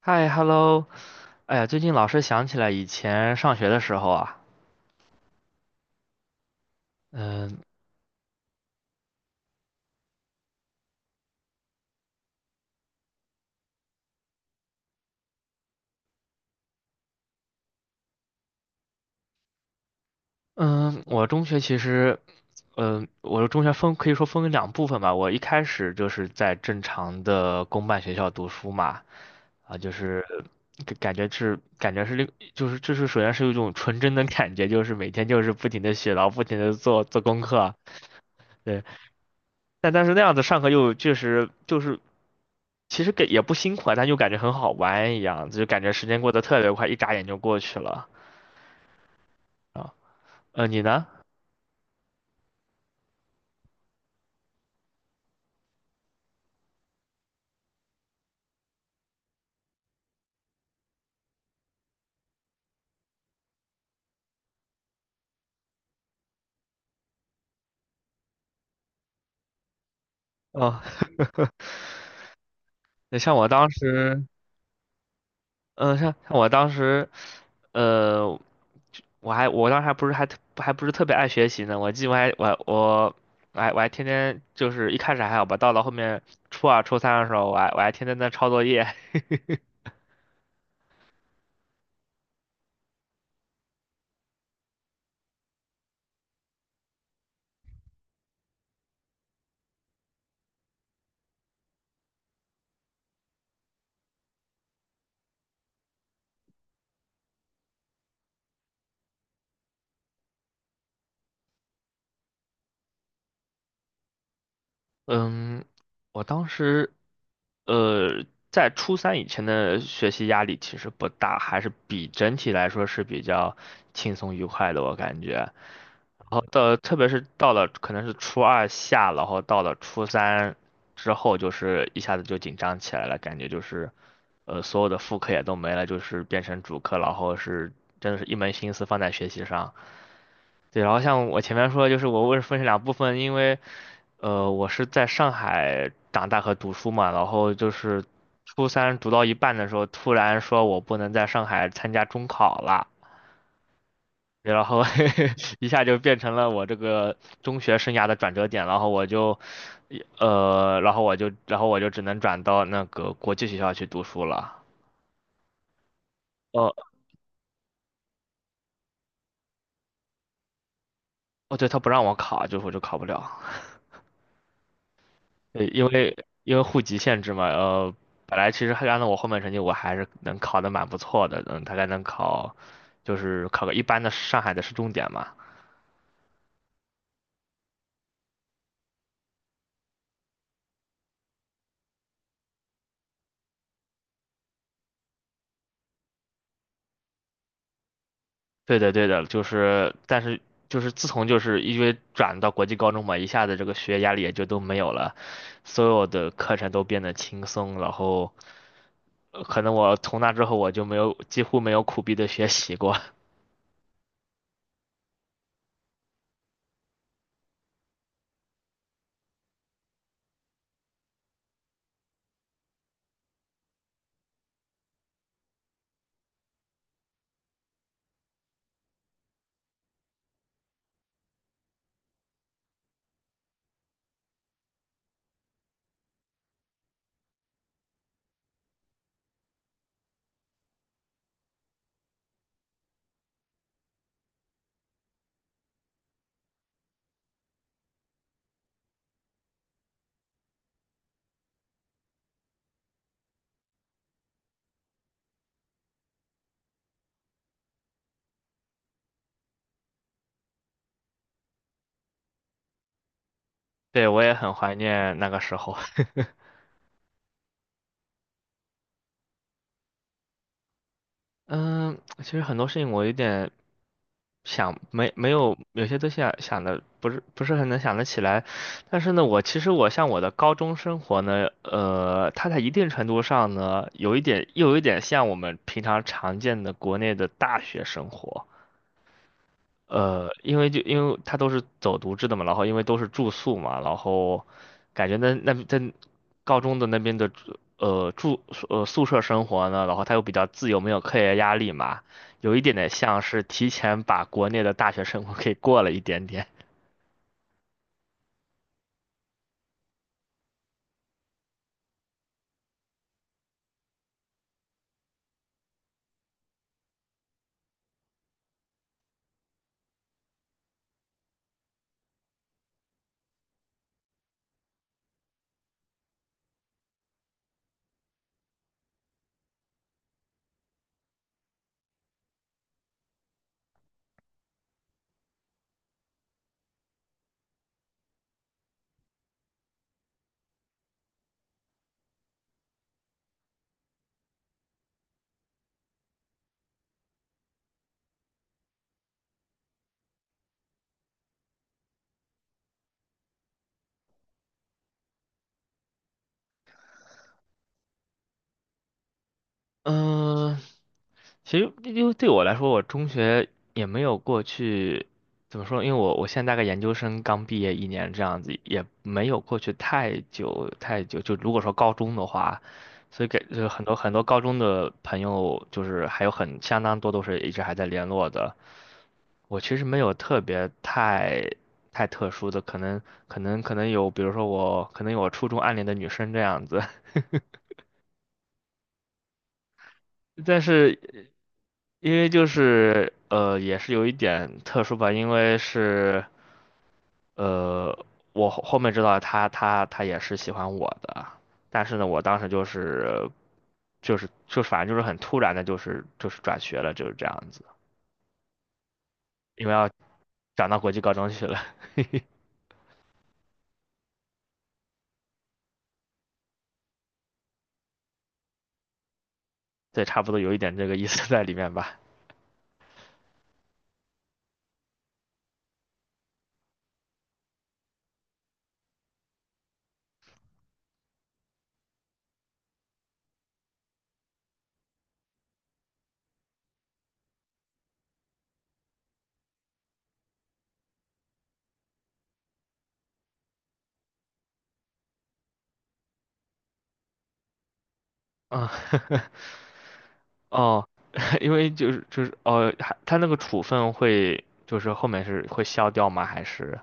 嗨，hello，哎呀，最近老是想起来以前上学的时候啊。嗯嗯。我的中学分可以说分为两部分吧。我一开始就是在正常的公办学校读书嘛，啊，就是感感觉是感觉是另就是首先是有一种纯真的感觉，就是每天就是不停的写，然后不停的做功课啊。对。但是那样子上课又确实就是其实给也不辛苦啊，但又感觉很好玩一样，就感觉时间过得特别快，一眨眼就过去了啊。你呢？哦，那像我当时，嗯、像像我当时，呃，我还我当时还不是还特还不是特别爱学习呢。我记得我还我我我还我还天天就是一开始还好吧，到了后面初二初三的时候，我还天天在抄作业。嗯，我当时，呃，在初三以前的学习压力其实不大，还是整体来说是比较轻松愉快的，我感觉。然后到，特别是到了可能是初二下，然后到了初三之后，就是一下子就紧张起来了，感觉就是，所有的副课也都没了，就是变成主课，然后是真的是一门心思放在学习上。对，然后像我前面说的，就是我为什么分成两部分，因为我是在上海长大和读书嘛，然后就是初三读到一半的时候，突然说我不能在上海参加中考了。然后 一下就变成了我这个中学生涯的转折点，然后我就呃，然后我就然后我就只能转到那个国际学校去读书了。呃，哦，对，他不让我考，就是我就考不了。对，因为户籍限制嘛。本来其实还按照我后面成绩，我还是能考得蛮不错的，嗯，大概能考，就是考个一般的上海的市重点嘛。对的，对的，就是，但是就是自从就是因为转到国际高中嘛，一下子这个学业压力也就都没有了，所有的课程都变得轻松。然后可能我从那之后我就没有几乎没有苦逼的学习过。对，我也很怀念那个时候。嗯，其实很多事情我有点想没没有有些东西啊想的不是很能想得起来。但是呢，我其实我像我的高中生活呢，它在一定程度上呢，有一点像我们平常常见的国内的大学生活。因为他都是走读制的嘛，然后因为都是住宿嘛。然后感觉那在高中的那边的住呃住呃宿舍生活呢，然后他又比较自由，没有课业压力嘛，有一点点像是提前把国内的大学生活给过了一点点。嗯、其实因为对我来说，我中学也没有过去，怎么说？因为我现在大概研究生刚毕业一年这样子，也没有过去太久太久。就如果说高中的话，所以就是很多很多高中的朋友，就是还有相当多都是一直还在联络的。我其实没有特别太特殊的，可能有，比如说我可能有我初中暗恋的女生这样子。但是因为就是也是有一点特殊吧，因为是呃，我后面知道他也是喜欢我的。但是呢，我当时就是反正就是很突然的，就是转学了，就是这样子，因为要转到国际高中去了。对，差不多有一点这个意思在里面吧。嗯，哦，因为就是哦，还他那个处分会就是后面是会消掉吗？还是？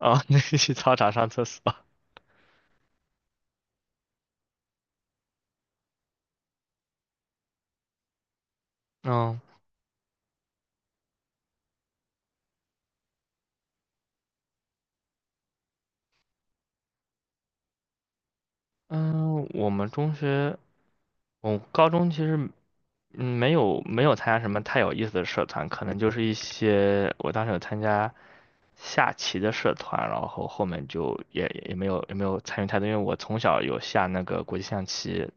哦，那个去操场上厕所。嗯嗯。我们中学，我高中其实没有参加什么太有意思的社团，可能就是一些我当时有参加下棋的社团，然后后面就也没有参与太多，因为我从小有下那个国际象棋，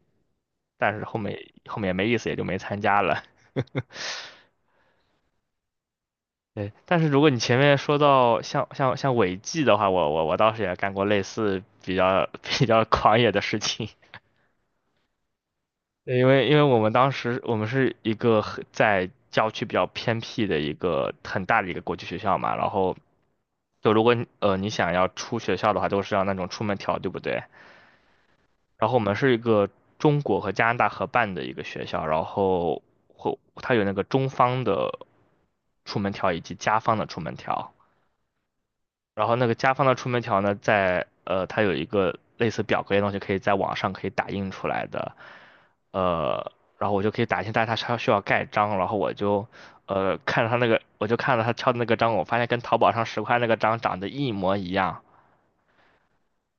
但是后面也没意思，也就没参加了。对，但是如果你前面说到像违纪的话，我倒是也干过类似比较 比较狂野的事情。对因为我们当时我们是一个很在郊区比较偏僻的一个很大的一个国际学校嘛，然后就如果你你想要出学校的话，都是要那种出门条，对不对？然后我们是一个中国和加拿大合办的一个学校，然后会它有那个中方的出门条以及加方的出门条。然后那个家方的出门条呢，在它有一个类似表格的东西，可以在网上可以打印出来的。呃，然后我就可以打印，但是它需要盖章，然后我就看着他那个，我就看着他敲的那个章，我发现跟淘宝上10块那个章长得一模一样。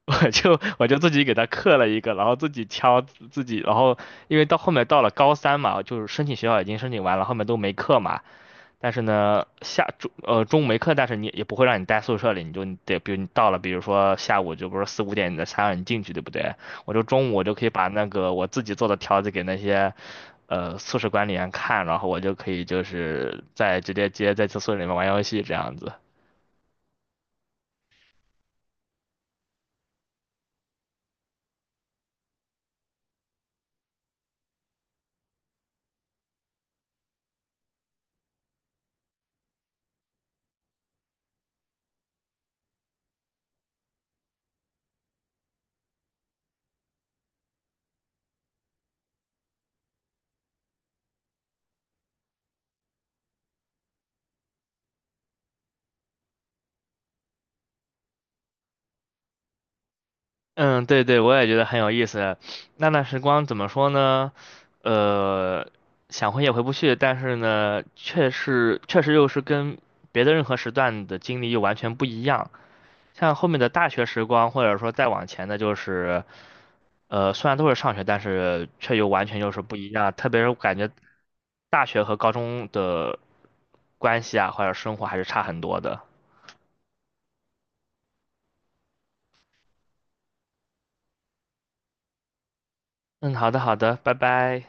我就自己给他刻了一个，然后自己敲自己，然后因为到后面到了高三嘛，就是申请学校已经申请完了，后面都没课嘛。但是呢，中午没课，但是你也不会让你待宿舍里，你得，比如你到了，比如说下午就不是四五点你的才让你进去，对不对？中午我就可以把那个我自己做的条子给那些宿舍管理员看，然后我就可以就是在直接直接在宿舍里面玩游戏这样子。嗯，对对，我也觉得很有意思。那段时光怎么说呢？呃，想回也回不去，但是呢，确实确实又是跟别的任何时段的经历又完全不一样。像后面的大学时光，或者说再往前的，就是虽然都是上学，但是却又完全又是不一样。特别是我感觉大学和高中的关系啊，或者生活还是差很多的。嗯，好的，好的，拜拜。